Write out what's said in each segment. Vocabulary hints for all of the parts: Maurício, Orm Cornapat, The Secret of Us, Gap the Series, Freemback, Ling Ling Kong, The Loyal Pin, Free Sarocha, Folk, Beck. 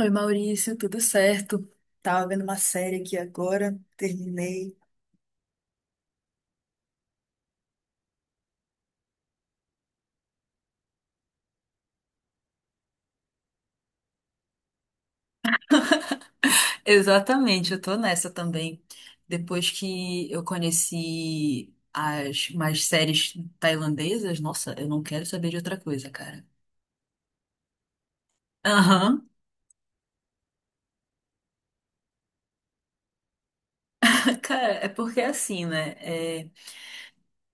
Oi, Maurício, tudo certo? Tava vendo uma série aqui agora, terminei. Exatamente, eu tô nessa também. Depois que eu conheci as mais séries tailandesas, nossa, eu não quero saber de outra coisa, cara. Aham. Cara, é porque é assim, né? É,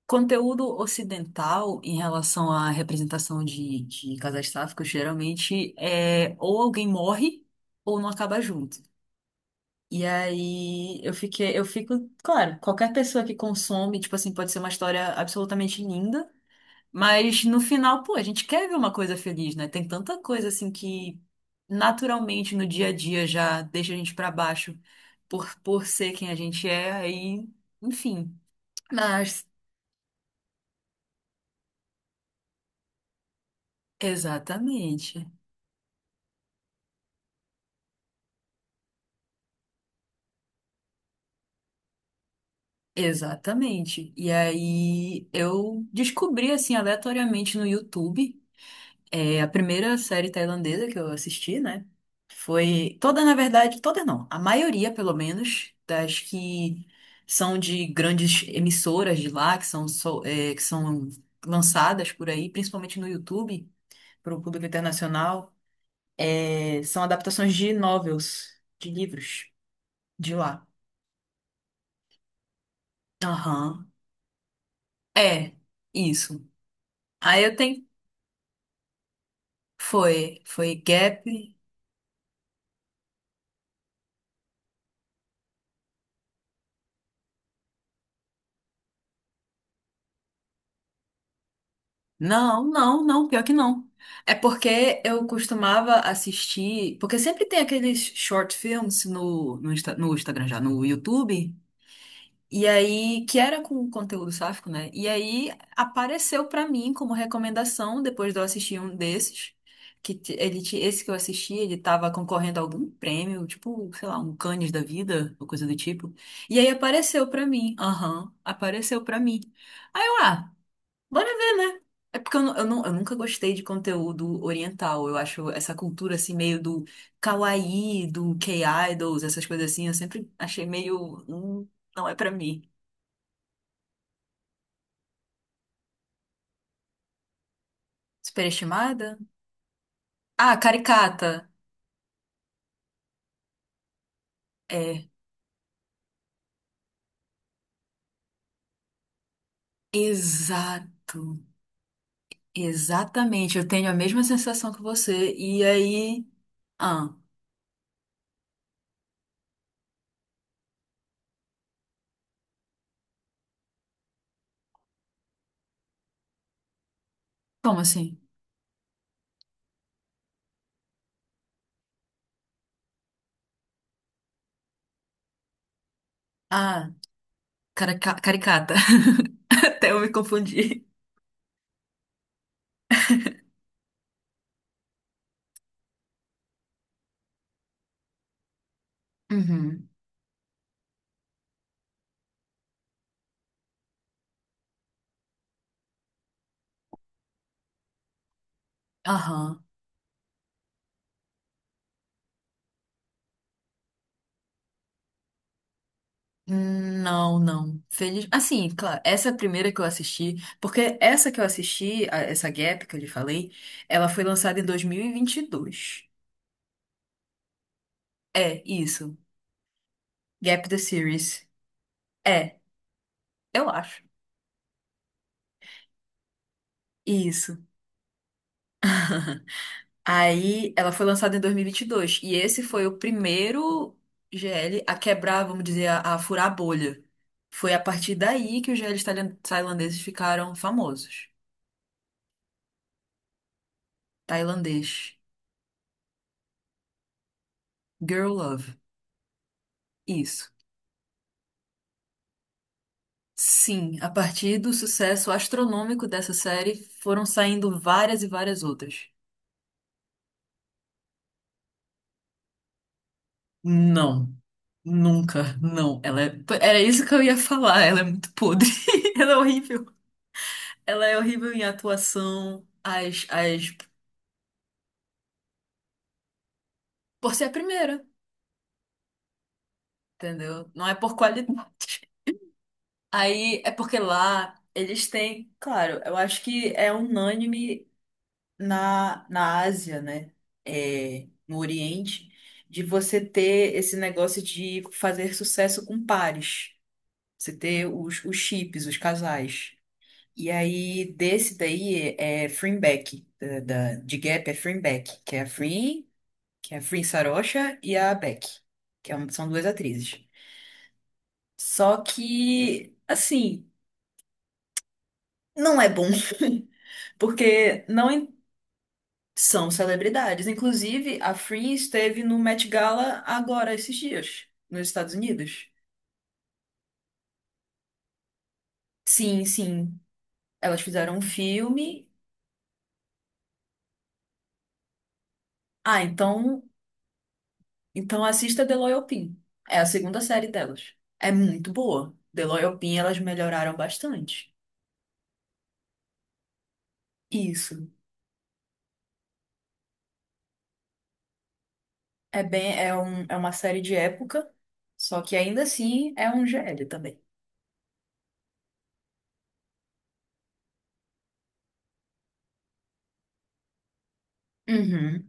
conteúdo ocidental em relação à representação de casais sáficos, geralmente é ou alguém morre ou não acaba junto. E aí eu fico, claro, qualquer pessoa que consome, tipo assim, pode ser uma história absolutamente linda, mas no final, pô, a gente quer ver uma coisa feliz, né? Tem tanta coisa assim que naturalmente no dia a dia já deixa a gente pra baixo por ser quem a gente é, aí, enfim. Mas exatamente. Exatamente. E aí eu descobri assim aleatoriamente no YouTube. É, a primeira série tailandesa que eu assisti, né? Foi toda, na verdade, toda não, a maioria, pelo menos, das que são de grandes emissoras de lá, que são lançadas por aí, principalmente no YouTube, para o público internacional, são adaptações de novels, de livros de lá. Aham. É, isso. Aí eu tenho. Foi Gap. Não, não, não, pior que não. É porque eu costumava assistir, porque sempre tem aqueles short films no Instagram já, no YouTube, e aí, que era com conteúdo sáfico, né? E aí apareceu pra mim como recomendação, depois de eu assistir um desses, que t- ele, ti- esse que eu assisti, ele tava concorrendo a algum prêmio, tipo, sei lá, um Cannes da vida, ou coisa do tipo. E aí apareceu pra mim, aham, apareceu pra mim. Aí eu, ah, Bora ver, né? É porque eu nunca gostei de conteúdo oriental. Eu acho essa cultura assim, meio do kawaii, do K-idols, essas coisas assim, eu sempre achei meio. Não é pra mim." Superestimada? Ah, caricata. É. Exato. Exatamente. Eu tenho a mesma sensação que você. E aí. Ah, como assim? Ah, caricata. Até eu me confundi. Uhum. Aham. Não, não. Feliz. Assim, claro, essa é primeira que eu assisti, porque essa que eu assisti, essa Gap que eu lhe falei, ela foi lançada em dois mil e vinte e dois. É, isso. Gap the Series. É, eu acho. Isso. Aí, ela foi lançada em dois mil e vinte e dois. E esse foi o primeiro GL a quebrar, vamos dizer, a furar a bolha. Foi a partir daí que os GLs tailandeses ficaram famosos. Tailandês. Girl Love. Isso. Sim, a partir do sucesso astronômico dessa série, foram saindo várias e várias outras. Não, nunca, não. Era isso que eu ia falar. Ela é muito podre. Ela é horrível. Ela é horrível em atuação, as... por ser a primeira, entendeu? Não é por qualidade. Aí é porque lá eles têm, claro, eu acho que é unânime na Ásia, né? É, no Oriente, de você ter esse negócio de fazer sucesso com pares. Você ter os chips, os casais. E aí, desse daí é Freemback, de Gap é Freemback, que é a Free, que é a Free Sarocha e a Beck, que é são duas atrizes. Só que, assim, não é bom. Porque não, são celebridades. Inclusive, a Free esteve no Met Gala agora, esses dias, nos Estados Unidos. Sim, sim. Elas fizeram um filme. Ah, então assista The Loyal Pin. É a segunda série delas. É muito boa. The Loyal Pin, elas melhoraram bastante. Isso. É uma série de época, só que ainda assim é um GL também. Uhum.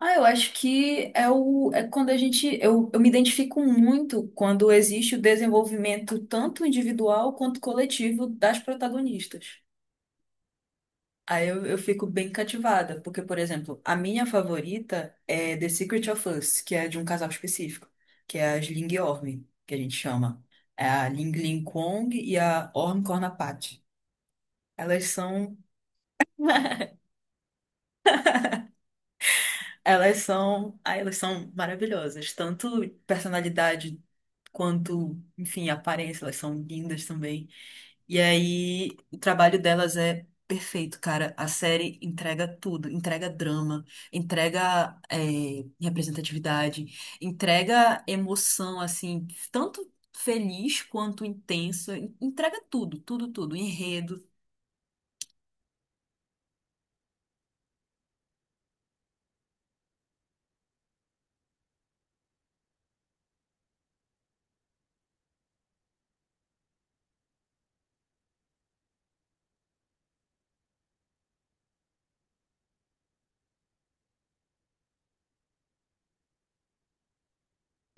Ah, eu acho que é o é quando eu me identifico muito quando existe o desenvolvimento tanto individual quanto coletivo das protagonistas. Aí eu fico bem cativada, porque, por exemplo, a minha favorita é The Secret of Us, que é de um casal específico, que é as Ling e Orm, que a gente chama. É a Ling Ling Kong e a Orm Cornapat. Elas são. Elas são maravilhosas, tanto personalidade quanto, enfim, aparência, elas são lindas também. E aí, o trabalho delas é perfeito, cara. A série entrega tudo, entrega drama, entrega representatividade, entrega emoção, assim, tanto feliz quanto intensa, entrega tudo, tudo, tudo, enredo.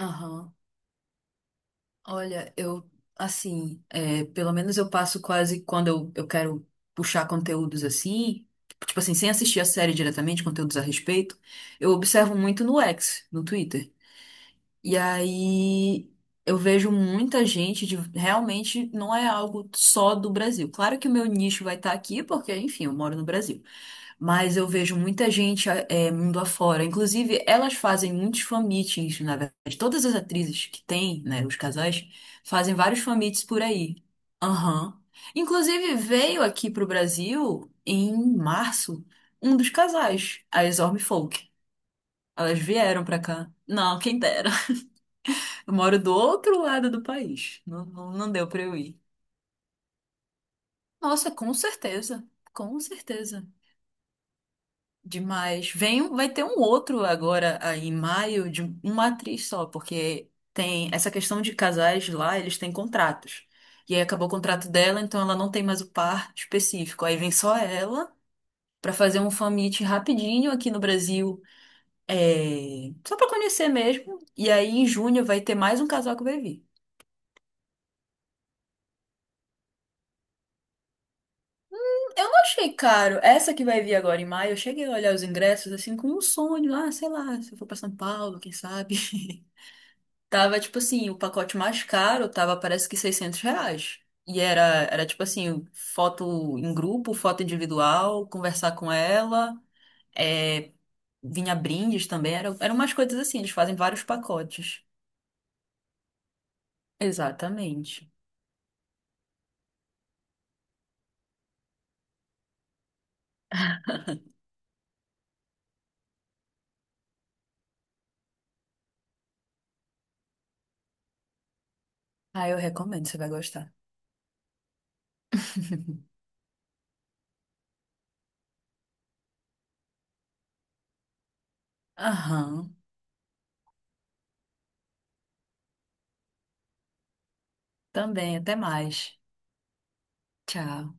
Aham. Olha, eu, assim, pelo menos eu passo quase quando eu quero puxar conteúdos assim, tipo assim, sem assistir a série diretamente, conteúdos a respeito, eu observo muito no X, no Twitter. E aí eu vejo muita gente realmente não é algo só do Brasil. Claro que o meu nicho vai estar aqui, porque, enfim, eu moro no Brasil. Mas eu vejo muita gente mundo afora. Inclusive, elas fazem muitos fan-meetings, na verdade. Todas as atrizes que têm, né, os casais, fazem vários fan-meets por aí. Aham. Inclusive, veio aqui pro Brasil, em março, um dos casais, a as Folk. Elas vieram pra cá. Não, quem dera. Eu moro do outro lado do país. Não, não, não deu pra eu ir. Nossa, com certeza. Com certeza. Demais. Vem, vai ter um outro agora aí em maio de uma atriz só, porque tem essa questão de casais lá, eles têm contratos. E aí acabou o contrato dela, então ela não tem mais o par específico. Aí vem só ela pra fazer um fan meet rapidinho aqui no Brasil, só pra conhecer mesmo. E aí em junho vai ter mais um casal que vai vir. Eu não achei caro. Essa que vai vir agora em maio, eu cheguei a olhar os ingressos assim com um sonho, ah, sei lá, se eu for pra São Paulo, quem sabe. Tava, tipo assim, o pacote mais caro tava, parece que R$ 600. E era tipo assim, foto em grupo, foto individual, conversar com ela, é, vinha brindes também, eram umas coisas assim, eles fazem vários pacotes. Exatamente. Ah, eu recomendo, você vai gostar. Aham, também, até mais. Tchau.